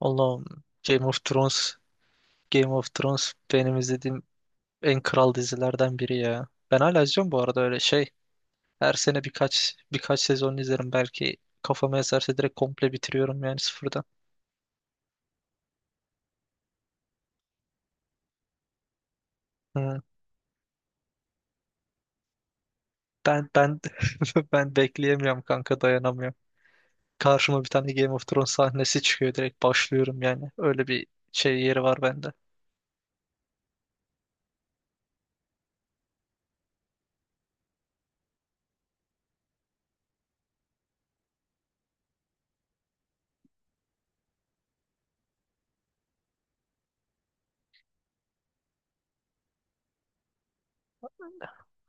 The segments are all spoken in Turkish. Allah'ım. Game of Thrones, Game of Thrones benim izlediğim en kral dizilerden biri ya. Ben hala izliyorum bu arada öyle şey. Her sene birkaç sezon izlerim belki. Kafama eserse direkt komple bitiriyorum yani sıfırdan. Hı. Ben ben bekleyemiyorum kanka, dayanamıyorum. Karşıma bir tane Game of Thrones sahnesi çıkıyor, direkt başlıyorum yani. Öyle bir şey yeri var bende.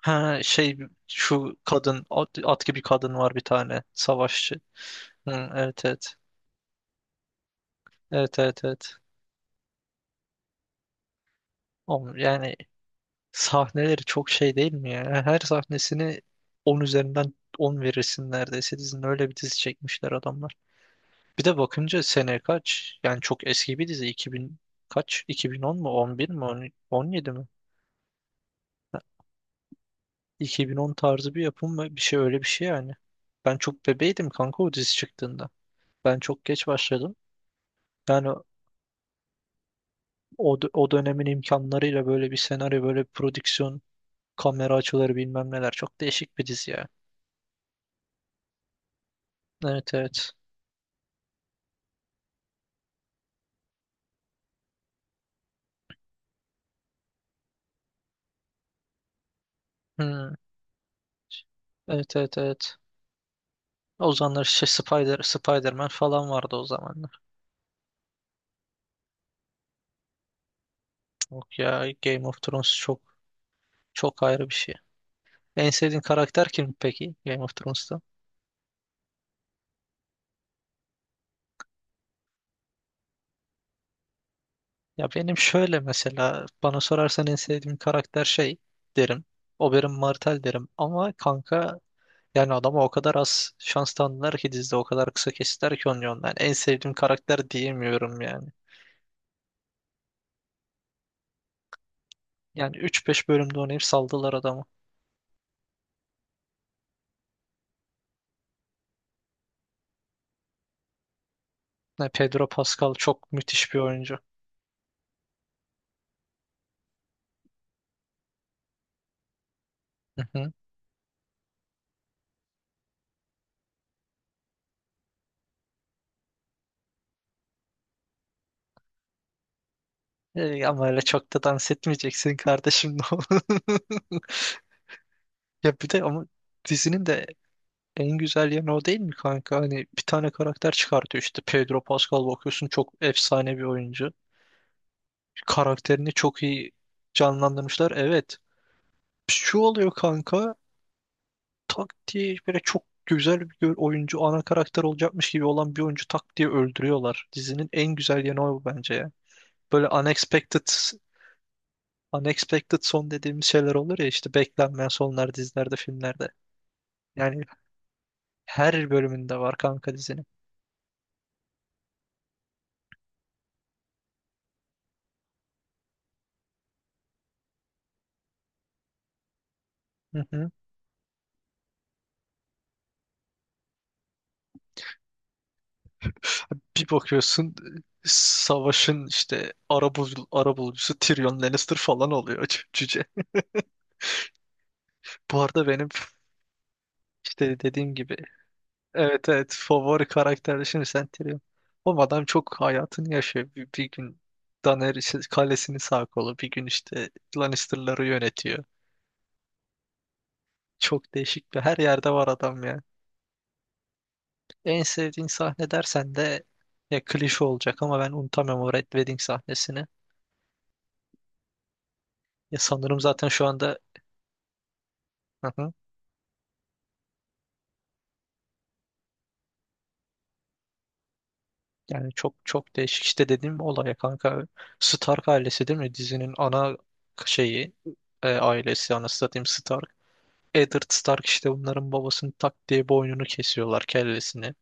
Ha, şey, şu kadın at gibi kadın var bir tane, savaşçı. Hı, evet evet. Evet evet evet. Oğlum yani sahneleri çok şey değil mi ya? Her sahnesini 10 üzerinden 10 verirsin neredeyse dizinin, öyle bir dizi çekmişler adamlar. Bir de bakınca sene kaç? Yani çok eski bir dizi, 2000 kaç? 2010 mu? 11 mi? 10, 17 mi? Ha, 2010 tarzı bir yapım mı? Bir şey, öyle bir şey yani. Ben çok bebeydim kanka o dizi çıktığında. Ben çok geç başladım. Yani o dönemin imkanlarıyla böyle bir senaryo, böyle bir prodüksiyon, kamera açıları bilmem neler, çok değişik bir dizi ya. Evet evet. Hmm. Evet evet evet. O zamanlar işte Spider-Man falan vardı o zamanlar. Yok ya, Game of Thrones çok çok ayrı bir şey. En sevdiğin karakter kim peki Game of Thrones'ta? Ya benim şöyle, mesela bana sorarsan en sevdiğim karakter şey derim. Oberyn Martell derim ama kanka, yani adama o kadar az şans tanıdılar ki dizide, o kadar kısa kestiler ki onu, yani en sevdiğim karakter diyemiyorum yani. Yani üç beş bölümde oynayıp saldılar adamı. Ya, Pedro Pascal çok müthiş bir oyuncu. Hı hı. Ama öyle çok da dans etmeyeceksin kardeşim. Ya bir de ama dizinin de en güzel yanı o değil mi kanka? Hani bir tane karakter çıkartıyor işte, Pedro Pascal, bakıyorsun çok efsane bir oyuncu. Karakterini çok iyi canlandırmışlar. Evet. Şu oluyor kanka, tak diye böyle çok güzel bir oyuncu, ana karakter olacakmış gibi olan bir oyuncu tak diye öldürüyorlar. Dizinin en güzel yanı o bence ya. Böyle unexpected son dediğimiz şeyler olur ya işte, beklenmeyen sonlar dizilerde, filmlerde. Yani her bölümünde var kanka dizinin. Hı hı. Bir bakıyorsun savaşın işte arabulucusu Tyrion Lannister falan oluyor, cüce. Bu arada benim işte dediğim gibi, evet evet, favori karakter şimdi sen Tyrion. O adam çok hayatını yaşıyor. Bir gün Daenerys kalesini sağ kolu, bir gün işte Lannister'ları yönetiyor. Çok değişik, bir her yerde var adam ya. En sevdiğin sahne dersen de, ya klişe olacak ama ben unutamam o Red Wedding sahnesini. Ya sanırım zaten şu anda. Hı hı. Yani çok çok değişik işte dediğim olay ya kanka. Stark ailesi değil mi? Dizinin ana şeyi, ailesi, anasını satayım, Stark. Eddard Stark işte bunların babasının tak diye boynunu kesiyorlar, kellesini.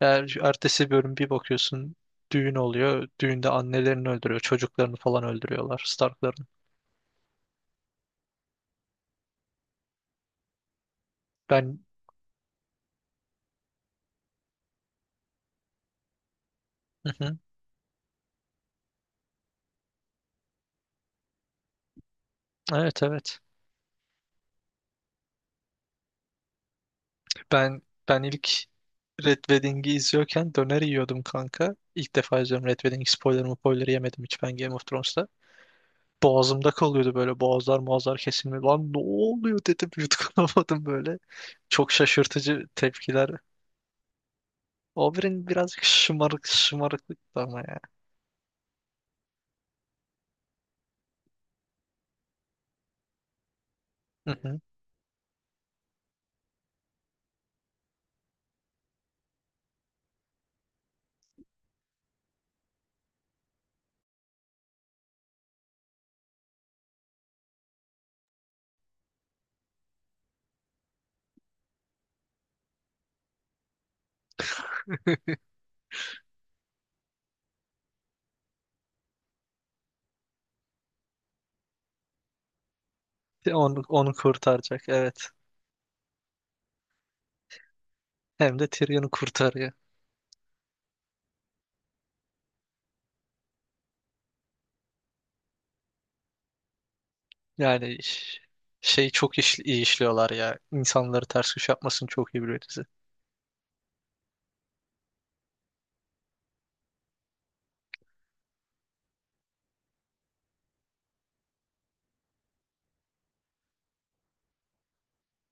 Eğer ertesi bölüm bir bakıyorsun düğün oluyor. Düğünde annelerini öldürüyor. Çocuklarını falan öldürüyorlar Stark'ların. Ben. Hı hı. Evet evet. Ben ben ilk Red Wedding'i izliyorken döner yiyordum kanka. İlk defa izliyorum Red Wedding, spoiler yemedim hiç ben Game of Thrones'ta. Boğazımda kalıyordu böyle, boğazlar boğazlar kesilme. Lan ne oluyor dedim, yutkunamadım böyle. Çok şaşırtıcı tepkiler. Oberyn birazcık şımarıklık ama ya. Hı hı. Onu kurtaracak, evet. Hem de Tyrion'u kurtarıyor. Yani şey, çok iyi işliyorlar ya. İnsanları ters köşe yapmasını çok iyi biliyor,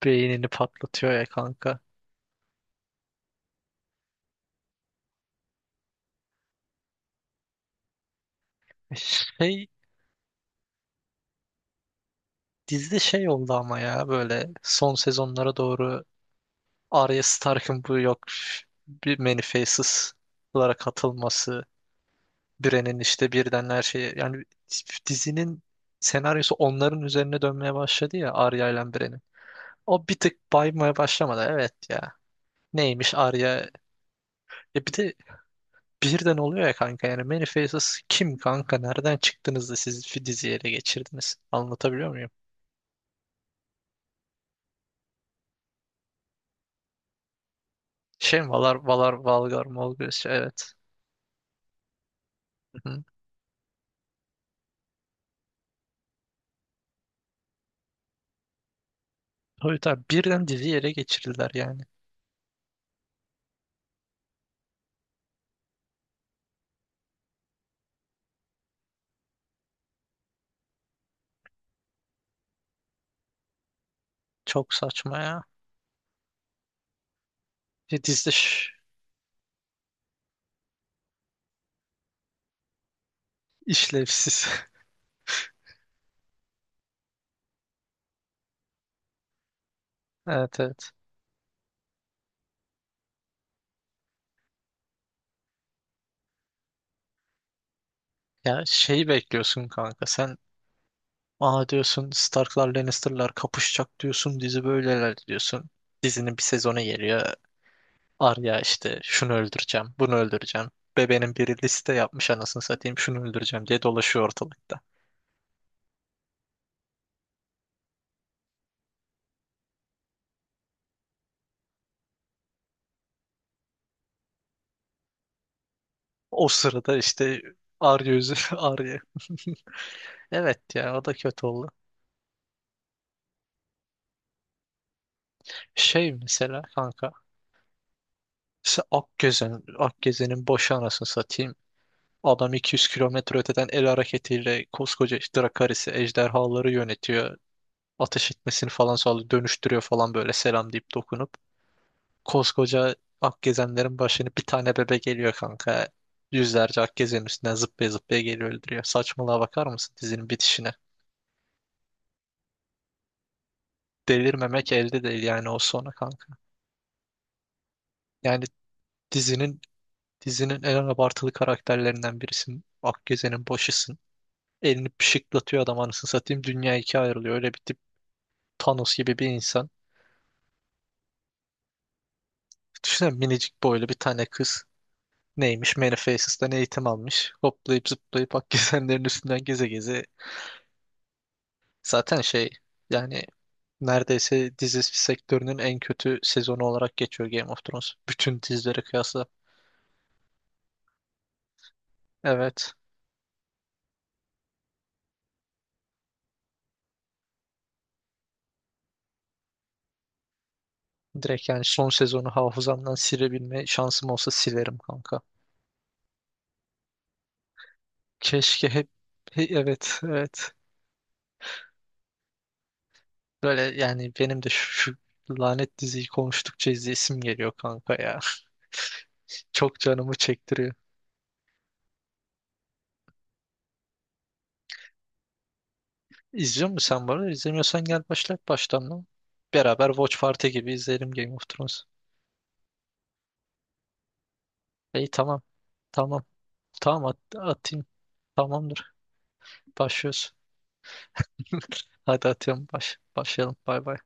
beynini patlatıyor ya kanka. Şey, dizide şey oldu ama ya, böyle son sezonlara doğru Arya Stark'ın bu yok bir Many Faces'lara katılması, Bran'in işte birden her şeyi, yani dizinin senaryosu onların üzerine dönmeye başladı ya, Arya ile Bran'in. O bir tık baymaya başlamadı, evet ya. Neymiş Arya? E bir de birden oluyor ya kanka, yani Many Faces kim kanka, nereden çıktınız da siz diziyi ele geçirdiniz? Anlatabiliyor muyum? Şey mi? Valgar, Molgres, şey, evet. Hı hı. Tabii tabii. Birden dizi yere geçirdiler yani. Çok saçma ya. Bir dizi de işlevsiz. Evet evet. Ya şeyi bekliyorsun kanka. Sen aa diyorsun, Starklar Lannister'lar kapışacak diyorsun. Dizi böyleler diyorsun. Dizinin bir sezonu geliyor. Arya işte şunu öldüreceğim, bunu öldüreceğim. Bebenin biri liste yapmış anasını satayım, şunu öldüreceğim diye dolaşıyor ortalıkta. O sırada işte Arya yüzü, Arya. Evet ya, o da kötü oldu. Şey mesela kanka. Mesela Akgezen'in boşu, anasını satayım. Adam 200 kilometre öteden el hareketiyle koskoca işte Drakaris'i, ejderhaları yönetiyor. Ateş etmesini falan sağlıyor. Dönüştürüyor falan böyle, selam deyip dokunup. Koskoca Akgezenlerin başını bir tane bebe geliyor kanka. Yüzlerce Akgezen üstüne zıplaya zıplaya geliyor, öldürüyor. Saçmalığa bakar mısın dizinin bitişine? Delirmemek elde değil yani o sona kanka. Yani dizinin dizinin en abartılı karakterlerinden birisin. Akgezen'in boşısın. Elini pışıklatıyor adam, anasını satayım. Dünya ikiye ayrılıyor. Öyle bir tip, Thanos gibi bir insan. Düşünsene minicik boylu bir tane kız. Neymiş? Manifest'ten eğitim almış. Hoplayıp zıplayıp Akgezenlerin üstünden geze geze. Zaten şey, yani neredeyse dizi sektörünün en kötü sezonu olarak geçiyor Game of Thrones. Bütün dizilere kıyasla. Evet. Direkt yani son sezonu hafızamdan silebilme şansım olsa silerim kanka. Keşke hep evet evet. Böyle yani benim de şu lanet diziyi konuştukça izleyesim geliyor kanka ya. Çok canımı çektiriyor. İzliyor musun sen bunu? İzlemiyorsan gel başlat baştan lan. Beraber Watch Party gibi izleyelim Game of Thrones. İyi, tamam. Tamam. Tamam, atayım. Tamamdır. Başlıyoruz. Hadi atıyorum. Başlayalım. Bay bay.